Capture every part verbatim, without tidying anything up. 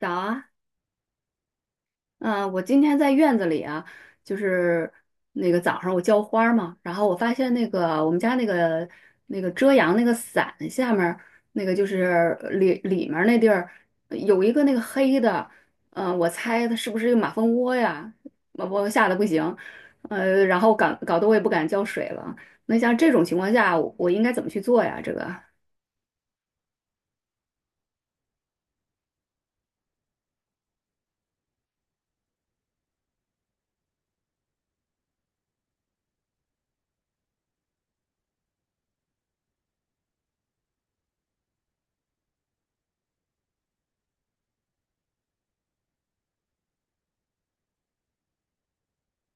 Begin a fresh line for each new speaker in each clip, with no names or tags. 早啊，嗯，我今天在院子里啊，就是那个早上我浇花儿嘛，然后我发现那个我们家那个那个遮阳那个伞下面儿那个就是呃里里面儿那地儿呃有一个那个黑的，嗯，我猜它是不是一个马蜂窝呀？我我吓得不行，呃，然后搞搞得我也不敢浇水了。那像这种情况下，我应该怎么去做呀？这个？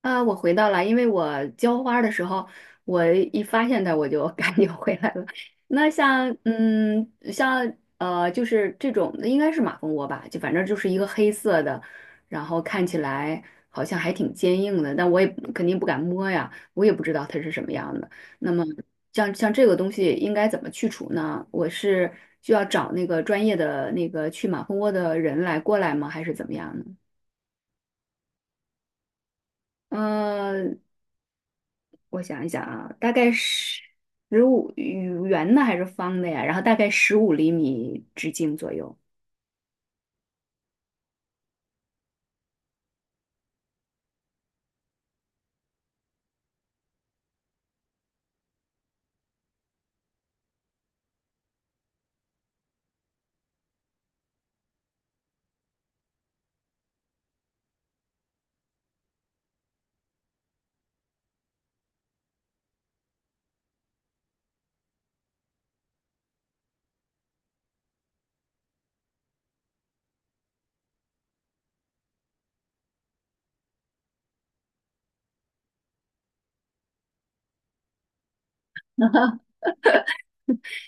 啊，我回到了，因为我浇花儿的时候，我一发现它，我就 赶紧回来了。那像，嗯，像呃，就是这种应该是马蜂窝吧，就反正就是一个黑色的，然后看起来好像还挺坚硬的，但我也肯定不敢摸呀，我也不知道它是什么样的。那么像像这个东西应该怎么去除呢？我是需要找那个专业的那个去马蜂窝的人来过来吗？还是怎么样呢？嗯，我想一想啊，大概十十五圆的还是方的呀？然后大概十五厘米直径左右。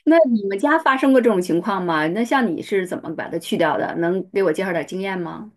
那你们家发生过这种情况吗？那像你是怎么把它去掉的？能给我介绍点经验吗？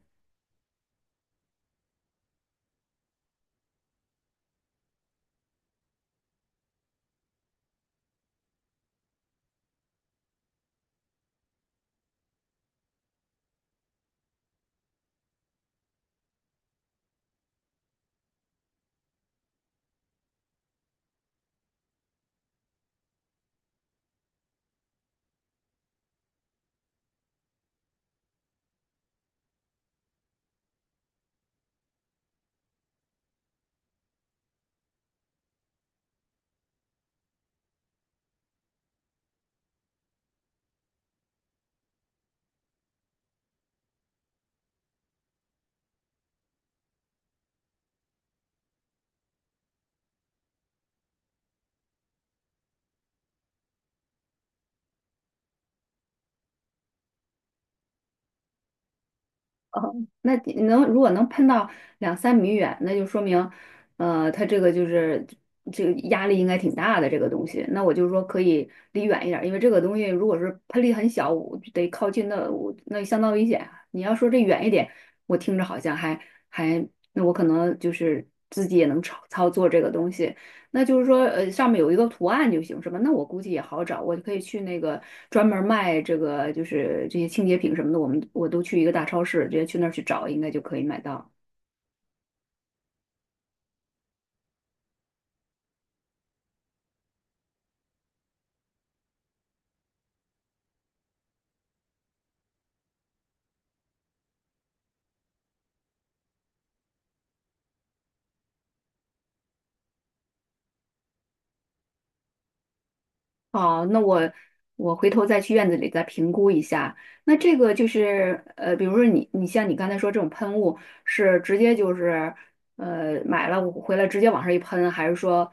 嗯那你能如果能喷到两三米远，那就说明，呃，它这个就是这个压力应该挺大的这个东西。那我就说可以离远一点儿，因为这个东西如果是喷力很小，我就得靠近那我那相当危险啊你要说这远一点，我听着好像还还，那我可能就是自己也能操操作这个东西，那就是说，呃，上面有一个图案就行，是吧？那我估计也好找，我就可以去那个专门卖这个，就是这些清洁品什么的，我们我都去一个大超市，直接去那儿去找，应该就可以买到。好，那我我回头再去院子里再评估一下。那这个就是呃，比如说你你像你刚才说这种喷雾是直接就是呃买了我回来直接往上一喷，还是说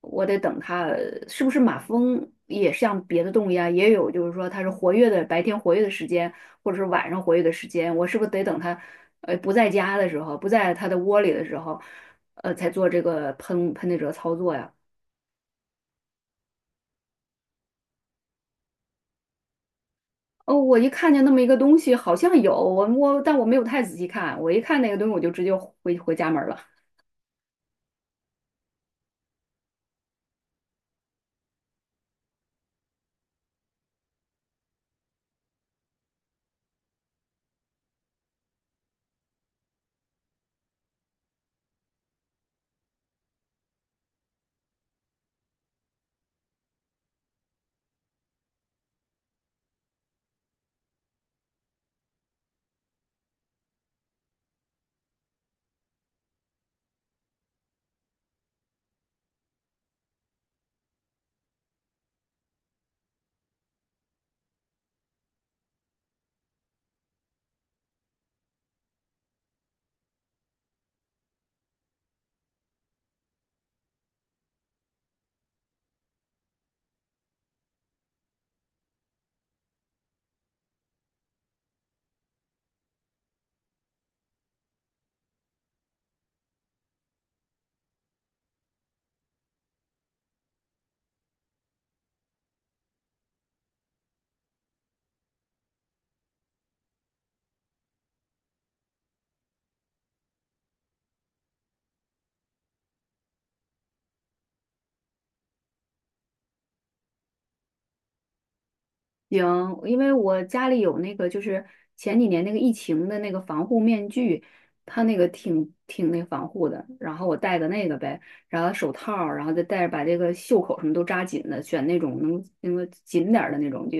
我得等它呃是不是马蜂也像别的动物一样，也有就是说它是活跃的白天活跃的时间，或者是晚上活跃的时间，我是不是得等它呃不在家的时候，不在它的窝里的时候，呃才做这个喷喷的这个操作呀？哦，我一看见那么一个东西，好像有我我，但我没有太仔细看。我一看那个东西，我就直接回回家门儿了。行，因为我家里有那个，就是前几年那个疫情的那个防护面具，它那个挺挺那防护的，然后我戴的那个呗，然后手套儿然后再戴着把这个袖口什么都扎紧的，选那种能那个紧点儿的那种，就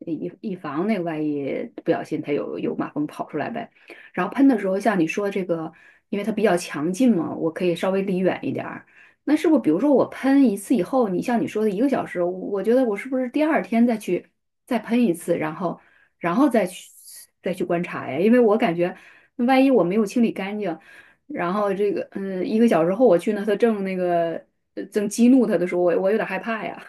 以以防那个万一不小心它有有马蜂跑出来呗。然后喷的时候，像你说这个，因为它比较强劲嘛，我可以稍微离远一点儿，那是不是比如说我喷一次以后，你像你说的一个小时，我我觉得我是不是第二天再去再喷一次，然后然后再去再去观察呀？因为我感觉万一我没有清理干净，然后这个嗯一个小时后我去呢，它正那个呃正激怒它的时候，我我有点害怕呀。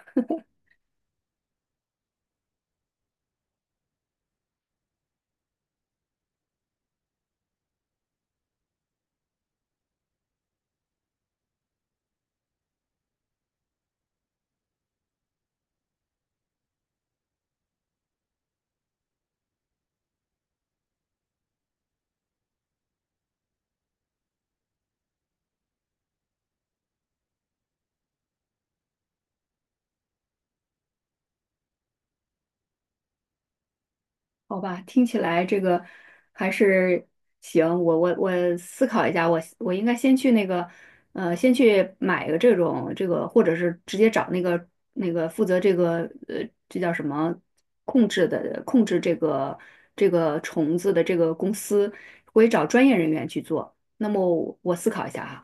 好吧，听起来这个还是行。我我我思考一下，我我应该先去那个，呃，先去买个这种这个，或者是直接找那个那个负责这个呃，这叫什么控制的控制这个这个虫子的这个公司，我也找专业人员去做。那么我我思考一下哈，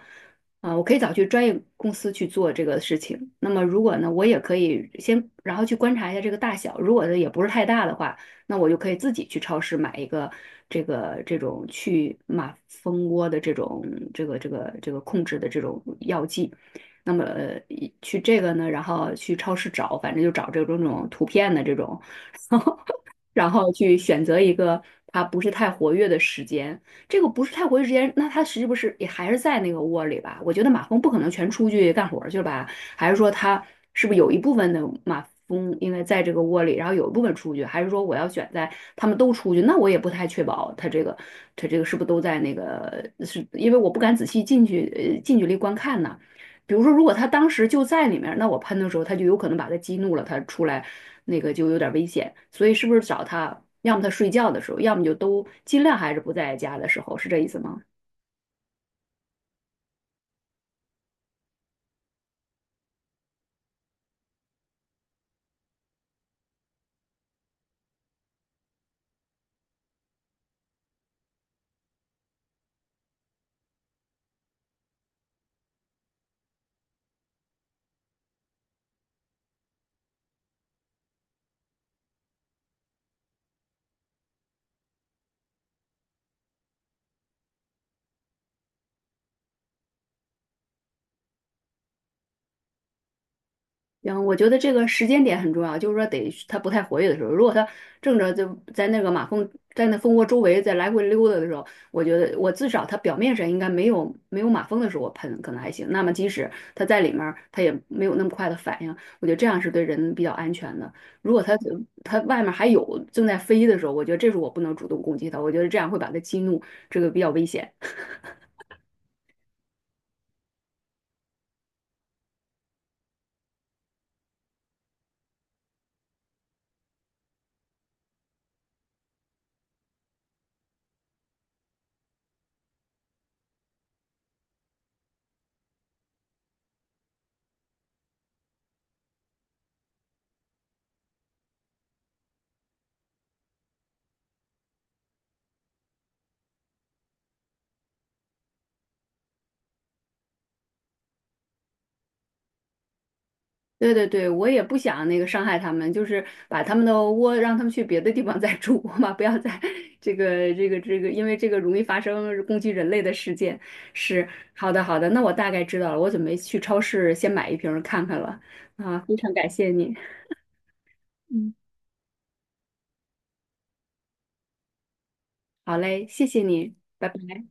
啊，我可以找去专业公司去做这个事情。那么如果呢，我也可以先然后去观察一下这个大小，如果呢也不是太大的话。那我就可以自己去超市买一个这个这种去马蜂窝的这种这个这个这个控制的这种药剂。那么呃一去这个呢，然后去超市找，反正就找这种这种图片的这种，然后然后去选择一个它不是太活跃的时间。这个不是太活跃时间，那它是不是也还是在那个窝里吧？我觉得马蜂不可能全出去干活儿去了吧？还是说它是不是有一部分的马蜂应该在这个窝里，然后有一部分出去？还是说我要选在它们都出去？那我也不太确保它这个它这个是不是都在那个，是因为我不敢仔细进去呃近距离观看呢。比如说，如果它当时就在里面那我喷的时候，它就有可能把它激怒了，它出来那个就有点危险。所以是不是找他，要么他睡觉的时候，要么就都尽量还是不在家的时候，是这意思吗？然后我觉得这个时间点很重要，就是说得它不太活跃的时候，如果它正着就在那个马蜂在那蜂窝周围在来回溜达的时候，我觉得我至少它表面上应该没有没有马蜂的时候我喷可能还行，那么即使它在里面儿，它也没有那么快的反应，我觉得这样是对人比较安全的。如果它它外面还有正在飞的时候，我觉得这时候我不能主动攻击它，我觉得这样会把它激怒，这个比较危险。对对对，我也不想那个伤害他们，就是把他们的窝让他们去别的地方再住 嘛，不要在 这个这个这个，因为这个容易发生攻击人类的事件。是，好的好的，那我大概知道了，我准备去超市先买一瓶儿看看了。啊，非常感谢你，嗯，好嘞，谢谢你，拜拜。